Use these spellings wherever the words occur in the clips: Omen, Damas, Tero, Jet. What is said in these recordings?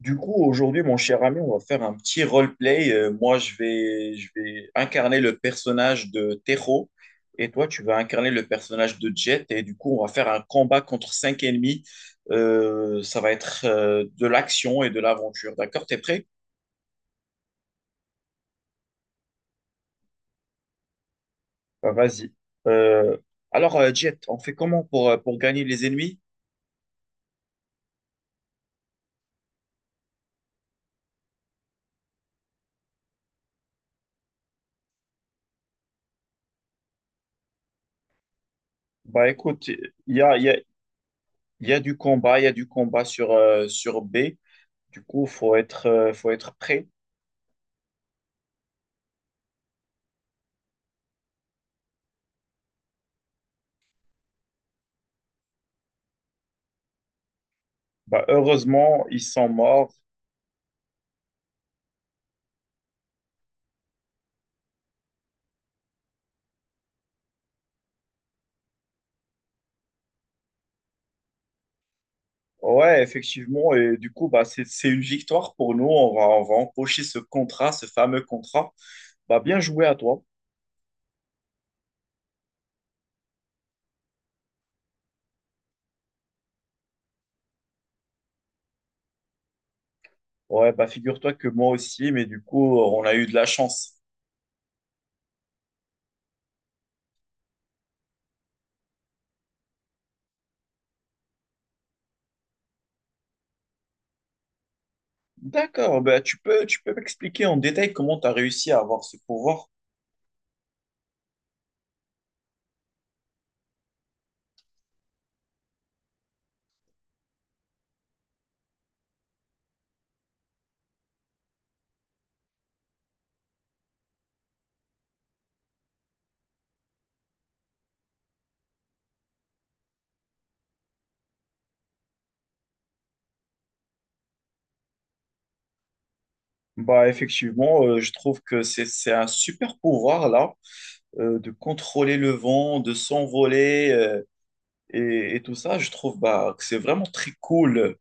Du coup, aujourd'hui, mon cher ami, on va faire un petit roleplay. Moi, je vais incarner le personnage de Tero et toi, tu vas incarner le personnage de Jet. Et du coup, on va faire un combat contre cinq ennemis. Ça va être de l'action et de l'aventure. D'accord? T'es prêt? Bah, vas-y. Euh, Jet, on fait comment pour gagner les ennemis? Bah écoute, y a, il y a- il y a du combat, il y a du combat sur, sur B. Du coup, faut être prêt. Bah, heureusement, ils sont morts. Ouais, effectivement. Et du coup, bah, c'est une victoire pour nous. On va empocher ce contrat, ce fameux contrat. Bah, bien joué à toi. Ouais, bah, figure-toi que moi aussi, mais du coup, on a eu de la chance. D'accord, bah, tu peux m'expliquer en détail comment tu as réussi à avoir ce pouvoir? Bah, effectivement, je trouve que c'est un super pouvoir, là, de contrôler le vent, de s'envoler, et tout ça. Je trouve, bah, que c'est vraiment très cool.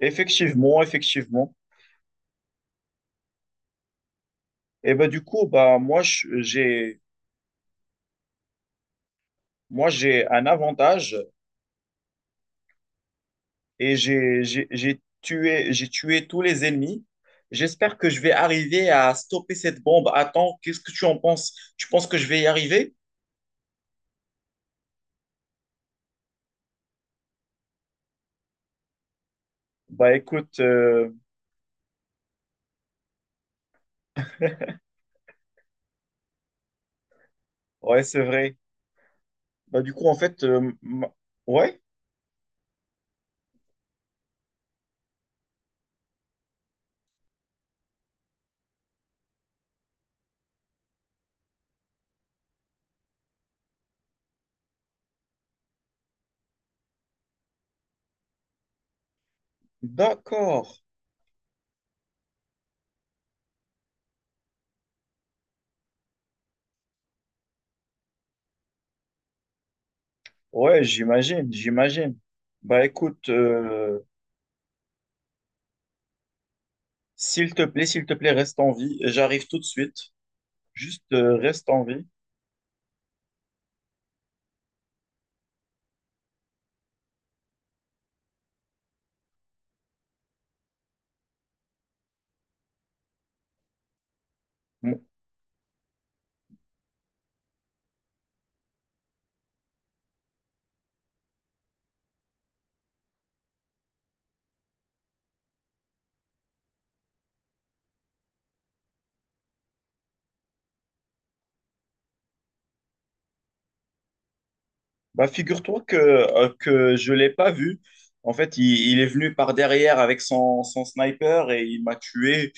Effectivement, effectivement. Et ben du coup, bah moi je- j'ai moi j'ai un avantage et j'ai tué tous les ennemis. J'espère que je vais arriver à stopper cette bombe. Attends, qu'est-ce que tu en penses? Tu penses que je vais y arriver? Bah écoute, ouais, c'est vrai. Bah du coup, en fait, ouais, d'accord. Ouais, j'imagine, j'imagine. Bah écoute, s'il te plaît, reste en vie. J'arrive tout de suite. Juste reste en vie. Bon. Bah, figure-toi que je ne l'ai pas vu. En fait, il est venu par derrière avec son sniper et il m'a tué.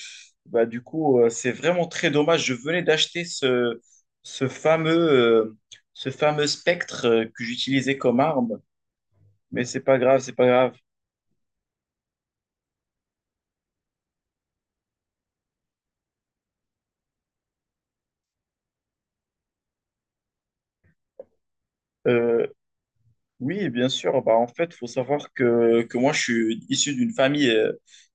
Bah, du coup, c'est vraiment très dommage. Je venais d'acheter ce fameux, euh, ce fameux spectre que j'utilisais comme arme, mais c'est pas grave. Euh, oui, bien sûr. Bah, en fait, il faut savoir que moi, je suis issu d'une famille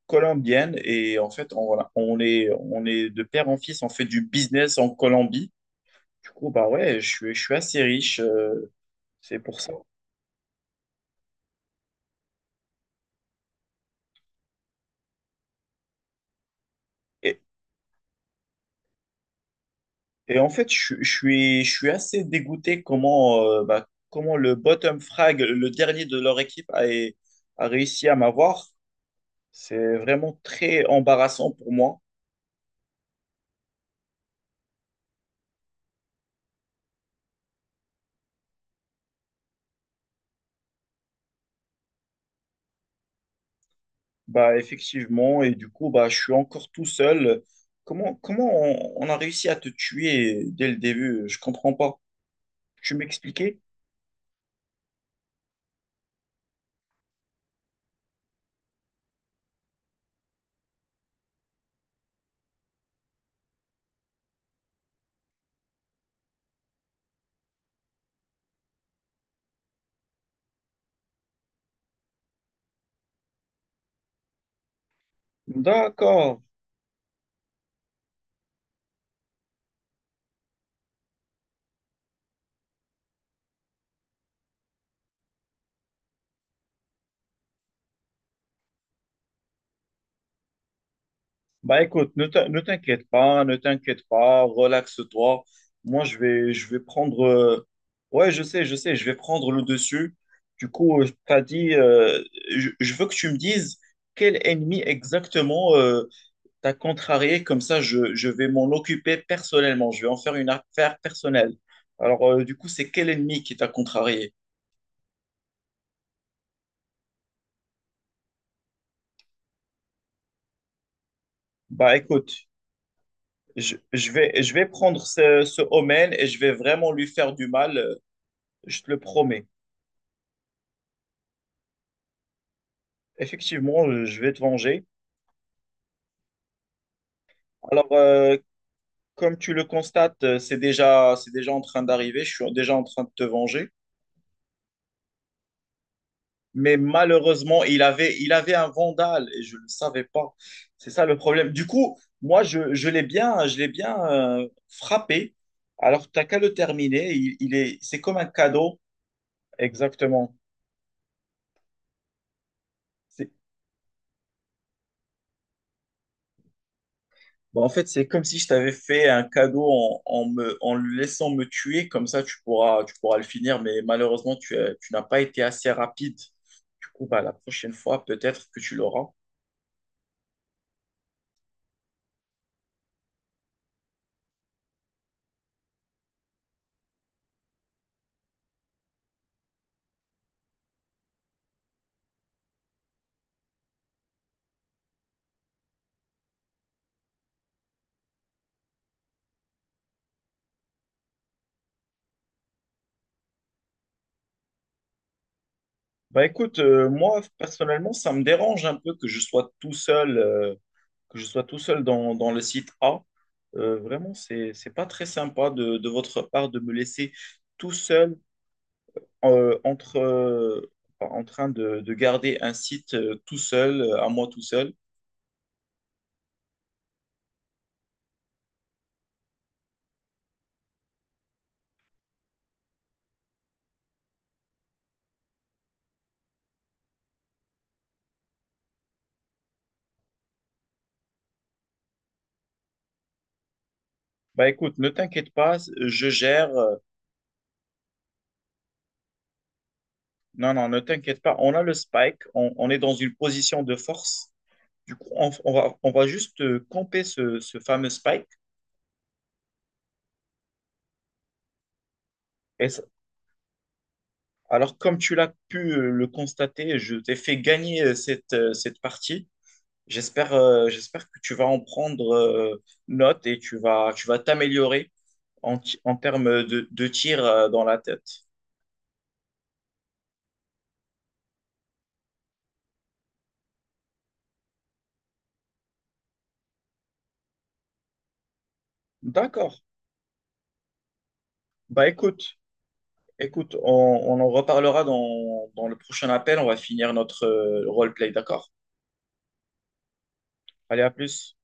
colombienne et en fait, on, voilà, on est de père en fils, on fait du business en Colombie. Du coup, bah ouais, je suis assez riche, c'est pour ça. Et, et en fait, je suis assez dégoûté comment, comment le bottom frag, le dernier de leur équipe, a réussi à m'avoir. C'est vraiment très embarrassant pour moi. Bah, effectivement, et du coup, bah, je suis encore tout seul. Comment on a réussi à te tuer dès le début? Je comprends pas. Tu m'expliquais? D'accord. Bah écoute, ne t'inquiète pas, ne t'inquiète pas, relaxe-toi. Moi, je vais prendre. Ouais, je sais, je sais, je vais prendre le dessus. Du coup, tu as dit, je veux que tu me dises quel ennemi exactement t'as contrarié. Comme ça, je vais m'en occuper personnellement. Je vais en faire une affaire personnelle. Alors, du coup, c'est quel ennemi qui t'a contrarié? Bah écoute, je vais prendre ce Omen et je vais vraiment lui faire du mal. Je te le promets. Effectivement, je vais te venger. Alors, comme tu le constates, c'est déjà en train d'arriver. Je suis déjà en train de te venger. Mais malheureusement, il avait un vandale et je ne le savais pas. C'est ça le problème. Du coup, moi, je l'ai bien frappé. Alors, t'as qu'à le terminer. C'est comme un cadeau. Exactement. Bah, en fait, c'est comme si je t'avais fait un cadeau en, en le laissant me tuer, comme ça tu pourras le finir, mais malheureusement, tu n'as pas été assez rapide. Du coup, bah, la prochaine fois, peut-être que tu l'auras. Bah écoute, moi, personnellement, ça me dérange un peu que je sois tout seul, que je sois tout seul dans, dans le site A. Vraiment, c'est pas très sympa de votre part de me laisser tout seul euh, entre, euh, enfin, en train de garder un site tout seul, à moi tout seul. Bah écoute, ne t'inquiète pas, je gère. Non, non, ne t'inquiète pas. On a le spike, on est dans une position de force. Du coup, on va juste camper ce fameux spike. Et ça- comme tu l'as pu le constater, je t'ai fait gagner cette partie. J'espère que tu vas en prendre note et tu vas t'améliorer en termes de tir dans la tête. D'accord. Bah écoute. Écoute, on en reparlera dans le prochain appel. On va finir notre roleplay, d'accord? Allez, à plus.